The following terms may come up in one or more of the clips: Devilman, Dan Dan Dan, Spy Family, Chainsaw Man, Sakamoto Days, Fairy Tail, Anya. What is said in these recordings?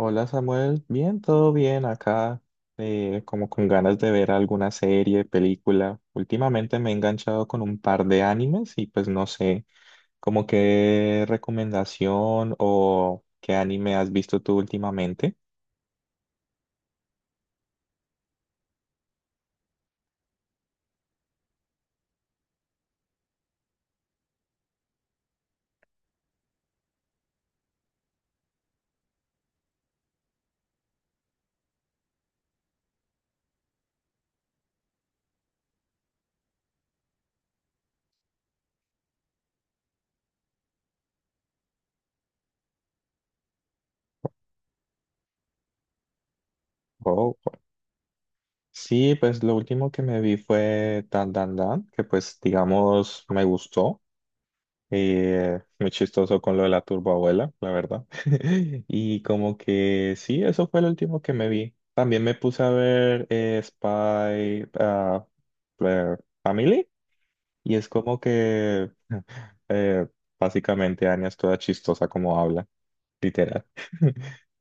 Hola Samuel, bien, todo bien acá, como con ganas de ver alguna serie, película. Últimamente me he enganchado con un par de animes y pues no sé, como qué recomendación o qué anime has visto tú últimamente. Oh, sí, pues lo último que me vi fue Dan Dan Dan, que pues digamos me gustó. Y muy chistoso con lo de la turboabuela, la verdad. Y como que sí, eso fue lo último que me vi. También me puse a ver Spy eh, Family. Y es como que eh, básicamente Anya es toda chistosa como habla, literal.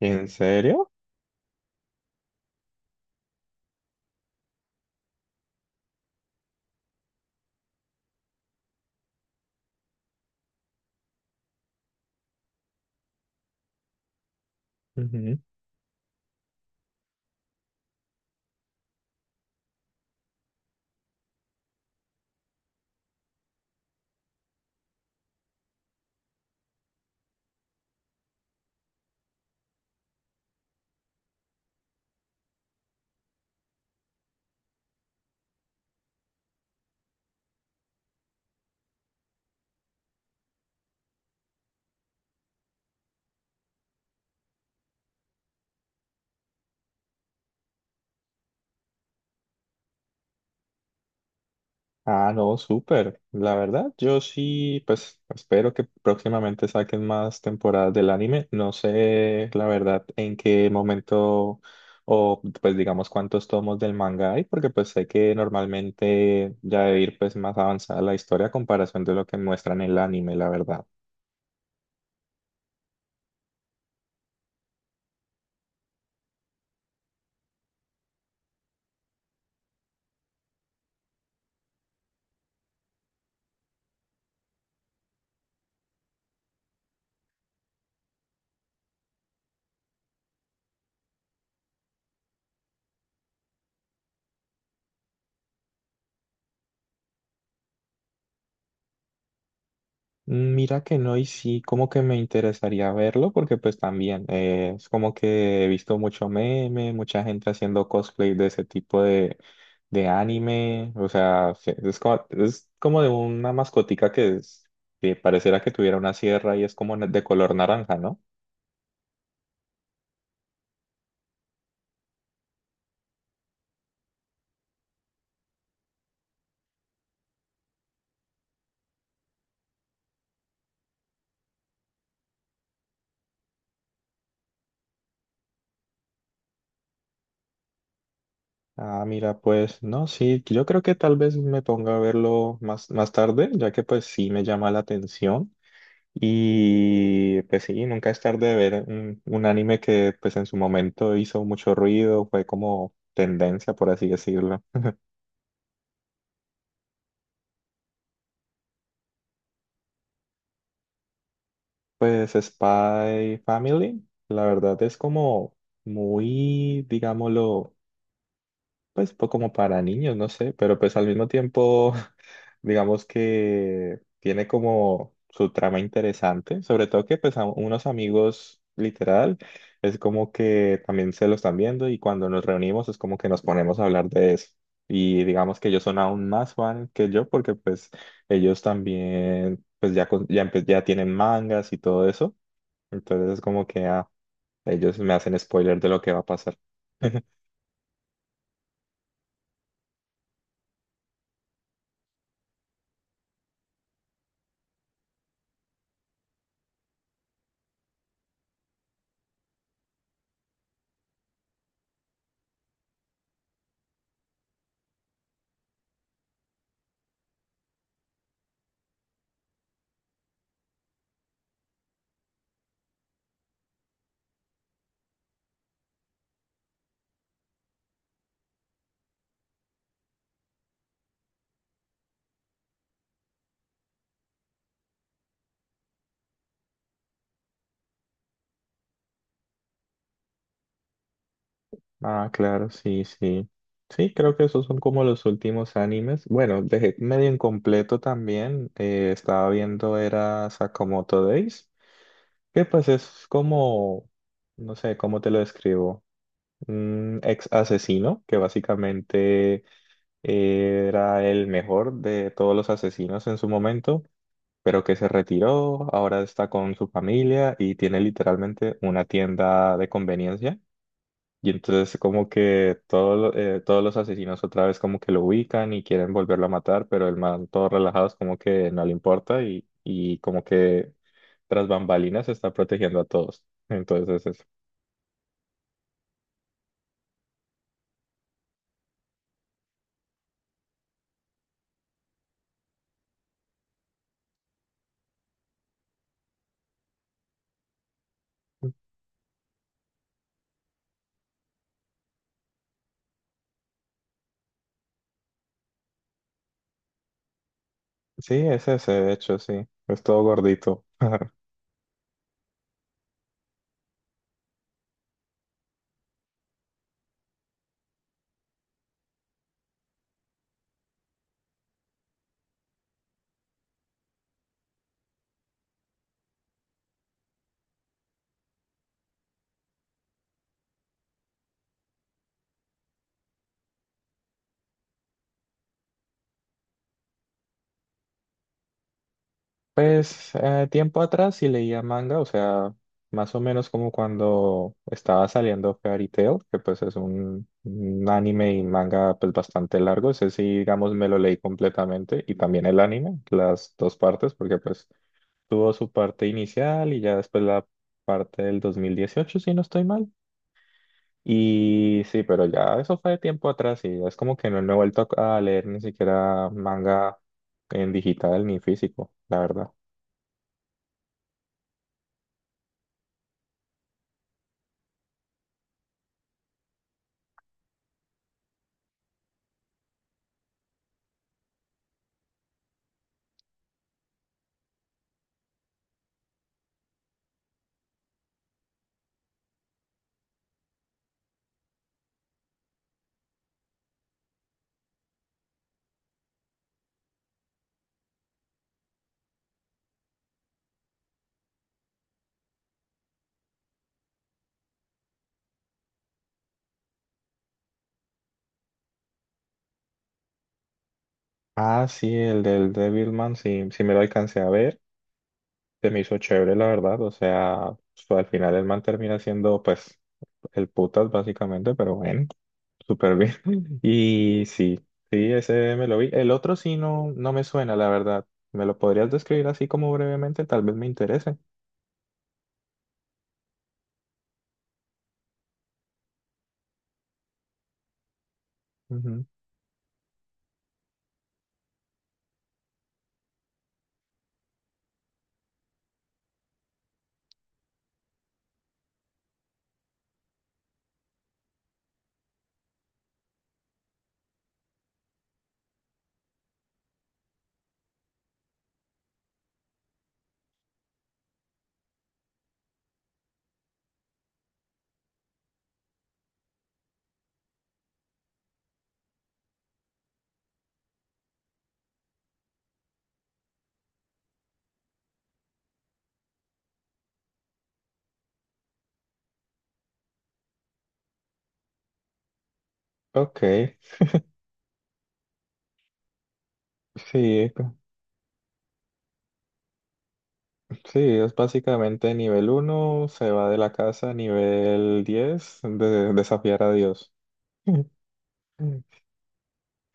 ¿En serio? Ah, no, súper. La verdad, yo sí, pues espero que próximamente saquen más temporadas del anime. No sé, la verdad, en qué momento o pues digamos cuántos tomos del manga hay, porque pues sé que normalmente ya debe ir pues más avanzada la historia a comparación de lo que muestran en el anime, la verdad. Mira que no, y sí, como que me interesaría verlo, porque pues también es como que he visto mucho meme, mucha gente haciendo cosplay de ese tipo de anime, o sea, es como de una mascotica que, es, que pareciera que tuviera una sierra y es como de color naranja, ¿no? Ah, mira, pues no, sí, yo creo que tal vez me ponga a verlo más, más tarde, ya que pues sí me llama la atención. Y pues sí, nunca es tarde de ver un anime que pues en su momento hizo mucho ruido, fue como tendencia, por así decirlo. Pues Spy Family, la verdad es como muy, digámoslo, pues como para niños, no sé, pero pues al mismo tiempo, digamos que tiene como su trama interesante, sobre todo que pues a unos amigos literal es como que también se lo están viendo y cuando nos reunimos es como que nos ponemos a hablar de eso. Y digamos que ellos son aún más fan que yo porque pues ellos también pues ya, ya, ya tienen mangas y todo eso, entonces es como que ah, ellos me hacen spoiler de lo que va a pasar. Ah, claro, sí, sí. Sí, creo que esos son como los últimos animes. Bueno, dejé medio incompleto también. Estaba viendo era Sakamoto Days, que pues es como, no sé, ¿cómo te lo describo? Un ex asesino que básicamente era el mejor de todos los asesinos en su momento, pero que se retiró, ahora está con su familia y tiene literalmente una tienda de conveniencia. Y entonces como que todo, todos los asesinos otra vez como que lo ubican y quieren volverlo a matar, pero el man todo relajado es como que no le importa y como que tras bambalinas está protegiendo a todos. Entonces es, eso. Sí, es ese de hecho, sí, es todo gordito. Pues tiempo atrás sí leía manga, o sea, más o menos como cuando estaba saliendo Fairy Tail, que pues es un anime y manga pues bastante largo, ese sí, digamos, me lo leí completamente y también el anime, las dos partes, porque pues tuvo su parte inicial y ya después la parte del 2018 si no estoy mal. Y sí, pero ya eso fue de tiempo atrás y ya es como que no me he vuelto a leer ni siquiera manga en digital ni físico, la verdad. Ah, sí, el del Devilman, sí, sí me lo alcancé a ver, se me hizo chévere, la verdad, o sea, al final el man termina siendo, pues, el putas básicamente, pero bueno, súper bien. Y sí, sí, ese me lo vi. El otro sí no, no me suena, la verdad. ¿Me lo podrías describir así como brevemente? Tal vez me interese. Ujú. Ok, sí, sí, es básicamente nivel uno se va de la casa, nivel 10 de, desafiar a Dios.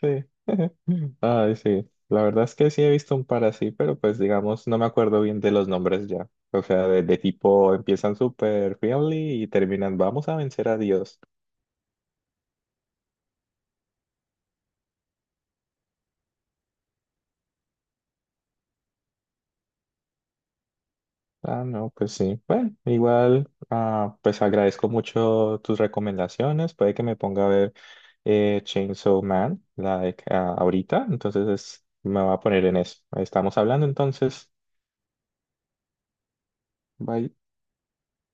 Sí. Ay, sí. La verdad es que sí he visto un par así, pero pues digamos, no me acuerdo bien de los nombres ya. O sea, de tipo empiezan super friendly y terminan, vamos a vencer a Dios. Ah, no, pues sí. Bueno, igual, ah, pues agradezco mucho tus recomendaciones. Puede que me ponga a ver Chainsaw Man, la de, ah, ahorita. Me va a poner en eso. Estamos hablando entonces. Bye.